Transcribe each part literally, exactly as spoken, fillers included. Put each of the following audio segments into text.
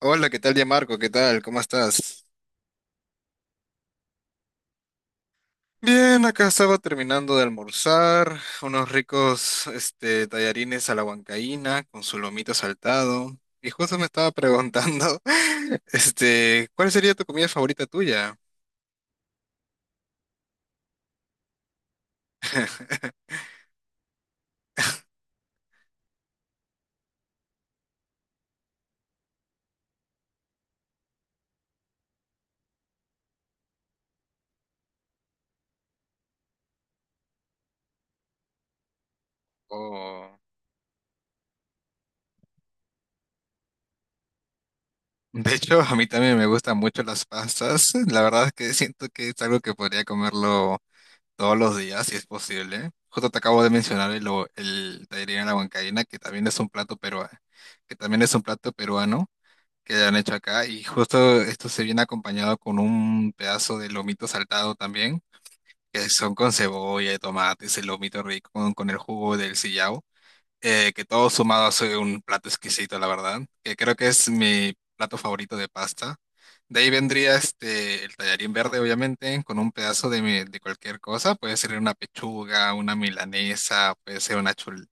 Hola, ¿qué tal, ya Marco? ¿Qué tal? ¿Cómo estás? Bien, acá estaba terminando de almorzar, unos ricos este, tallarines a la huancaína con su lomito saltado. Y justo me estaba preguntando, este, ¿cuál sería tu comida favorita tuya? Oh, de hecho, a mí también me gustan mucho las pastas. La verdad es que siento que es algo que podría comerlo todos los días, si es posible. Justo te acabo de mencionar el, o- el tallarín a la huancaína, que también es un plato perua- que también es un plato peruano, que han hecho acá y justo esto se viene acompañado con un pedazo de lomito saltado también, que son con cebolla y tomate, ese lomito rico con, con el jugo del sillao, eh, que todo sumado hace un plato exquisito, la verdad, que creo que es mi plato favorito de pasta. De ahí vendría este, el tallarín verde, obviamente, con un pedazo de, mi- de cualquier cosa. Puede ser una pechuga, una milanesa, puede ser una, chul-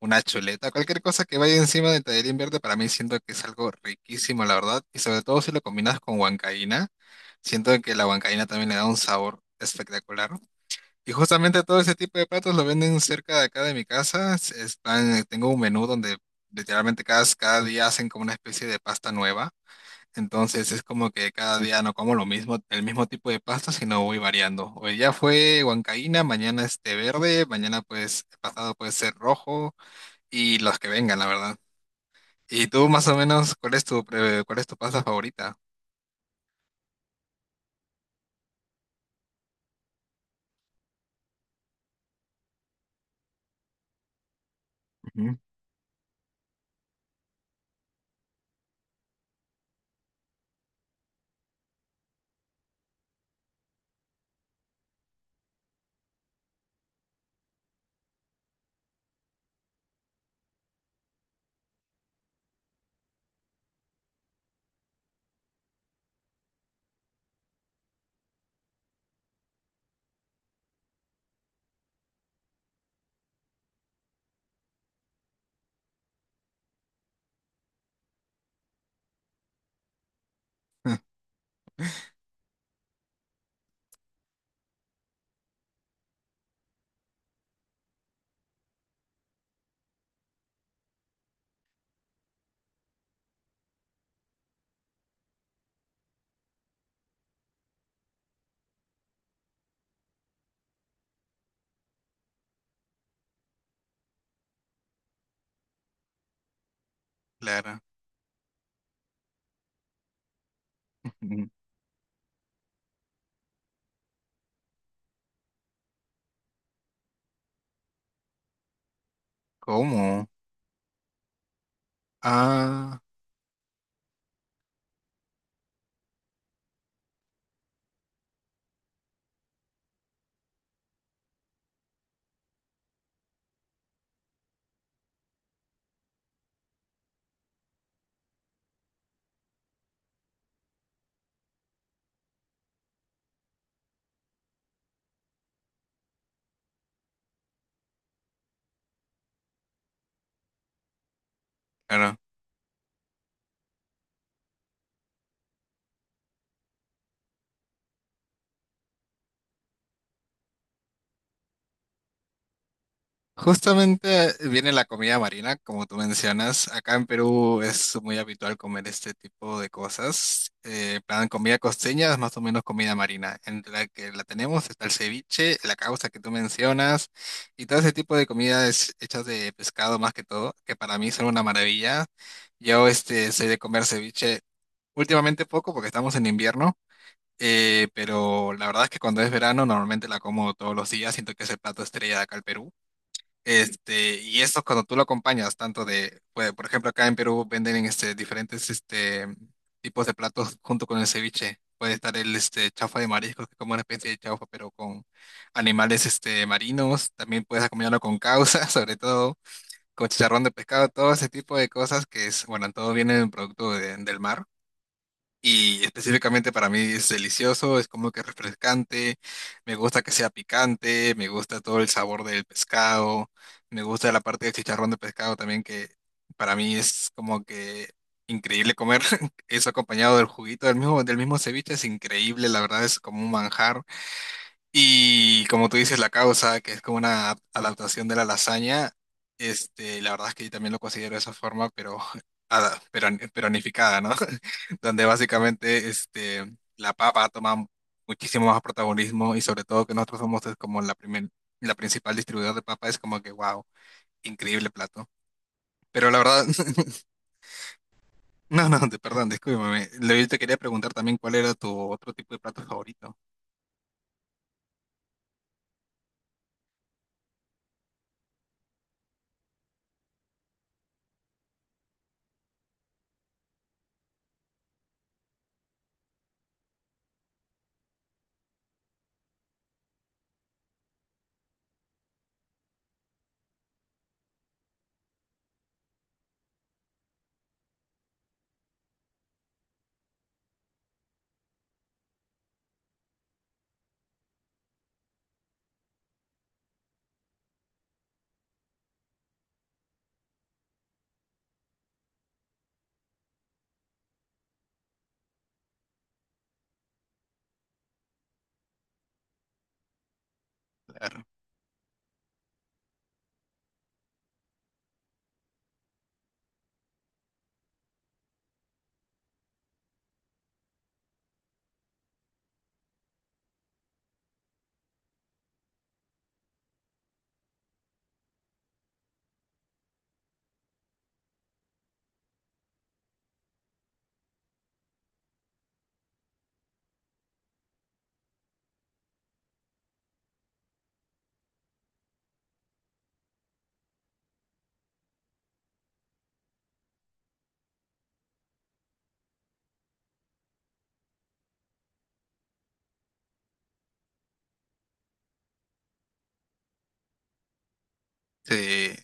una chuleta, cualquier cosa que vaya encima del tallarín verde, para mí siento que es algo riquísimo, la verdad. Y sobre todo si lo combinas con huancaína, siento que la huancaína también le da un sabor espectacular. Y justamente todo ese tipo de platos lo venden cerca de acá de mi casa. Es- es plan- tengo un menú donde literalmente cada, cada día hacen como una especie de pasta nueva. Entonces es como que cada día no como lo mismo, el mismo tipo de pasta, sino voy variando. Hoy ya fue huancaína, mañana este verde, mañana pues pasado puede ser rojo y los que vengan, la verdad. Y tú más o menos, ¿cuál es tu, pre- cuál es tu pasta favorita? Ujú. Claro. Ujú. ¿Cómo? Ah, claro. Justamente eh, viene la comida marina, como tú mencionas. Acá en Perú es muy habitual comer este tipo de cosas. Eh, plan comida costeña es más o menos comida marina. Entre la que la tenemos está el ceviche, la causa que tú mencionas, y todo ese tipo de comidas hechas de pescado más que todo, que para mí son una maravilla. Yo este, soy de comer ceviche últimamente poco porque estamos en invierno. Eh, pero la verdad es que cuando es verano normalmente la como todos los días, siento que es el plato estrella de acá al Perú. Este, y esto cuando tú lo acompañas, tanto de, pues, por ejemplo, acá en Perú venden este, diferentes este, tipos de platos junto con el ceviche. Puede estar el este, chaufa de mariscos, que es como una especie de chaufa, pero con animales este, marinos. También puedes acompañarlo con causa, sobre todo con chicharrón de pescado, todo ese tipo de cosas que es, bueno, todo viene del producto de- del mar. Y específicamente para mí es delicioso, es como que refrescante, me gusta que sea picante, me gusta todo el sabor del pescado, me gusta la parte del chicharrón de pescado también que para mí es como que increíble comer eso acompañado del juguito del mismo, del mismo ceviche, es increíble, la verdad es como un manjar. Y como tú dices, la causa, que es como una adap- adaptación de la lasaña, este, la verdad es que yo también lo considero de esa forma, pero, ada- pero peronificada, ¿no? Donde básicamente este, la papa toma muchísimo más protagonismo y sobre todo que nosotros somos es como la primer, la principal distribuidora de papa, es como que, wow, increíble plato. Pero la verdad, no, no, de- perdón, discúlpame. Lo- Yo te quería preguntar también cuál era tu otro tipo de plato favorito. Claro. Sí.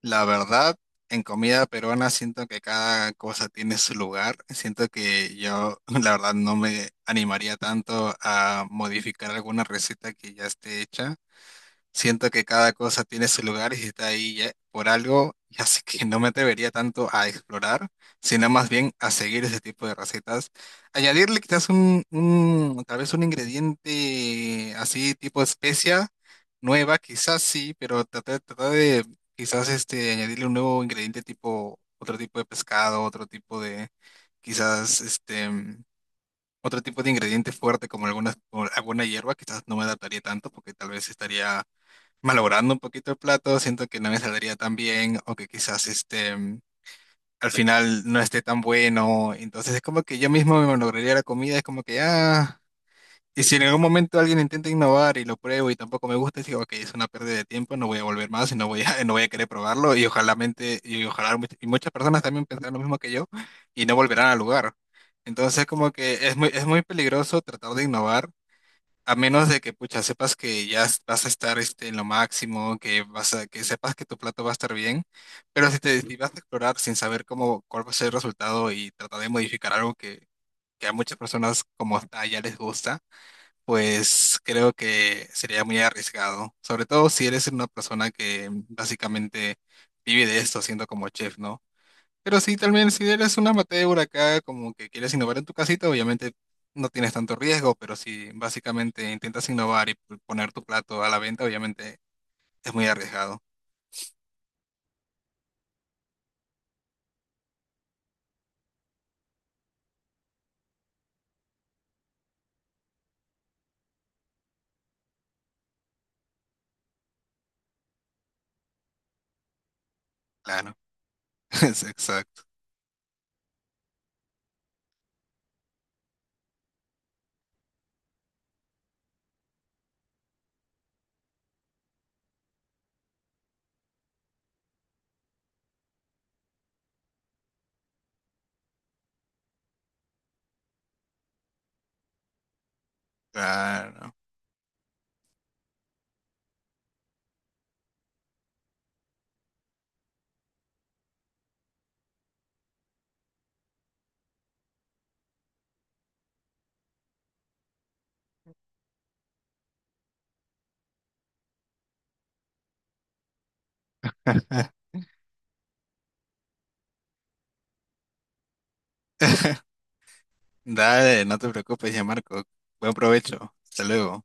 La verdad, en comida peruana siento que cada cosa tiene su lugar. Siento que yo, la verdad, no me animaría tanto a modificar alguna receta que ya esté hecha. Siento que cada cosa tiene su lugar y si está ahí ya- por algo, y así que no me atrevería tanto a explorar, sino más bien a seguir ese tipo de recetas. Añadirle quizás un, un tal vez un ingrediente así tipo especia nueva, quizás sí, pero tratar, tratar de quizás este añadirle un nuevo ingrediente tipo otro tipo de pescado, otro tipo de quizás este otro tipo de ingrediente fuerte como algunas como alguna hierba, quizás no me adaptaría tanto porque tal vez estaría malogrando un poquito el plato, siento que no me saldría tan bien o que quizás este mm, al final no esté tan bueno. Entonces es como que yo mismo me malograría la comida, es como que ah, y si en algún momento alguien intenta innovar y lo pruebo y tampoco me gusta, digo, ok, es una pérdida de tiempo, no voy a volver más y no voy a, no voy a querer probarlo y ojalá mente- y ojalá much- y muchas personas también pensarán lo mismo que yo y no volverán al lugar. Entonces como que es muy, es muy peligroso tratar de innovar a menos de que, pucha, sepas que ya es- vas a estar este, en lo máximo, que vas a, que sepas que tu plato va a estar bien, pero si te si vas a explorar sin saber cómo, cuál va a ser el resultado y tratar de modificar algo que, que a muchas personas como está ya les gusta, pues creo que sería muy arriesgado, sobre todo si eres una persona que básicamente vive de esto siendo como chef, ¿no? Pero sí, también si eres un amateur acá, como que quieres innovar en tu casita, obviamente no tienes tanto riesgo, pero si básicamente intentas innovar y p- poner tu plato a la venta, obviamente es muy arriesgado. Claro, es exacto. Claro. Dale, no te preocupes ya, Marco. Buen provecho. Hasta luego.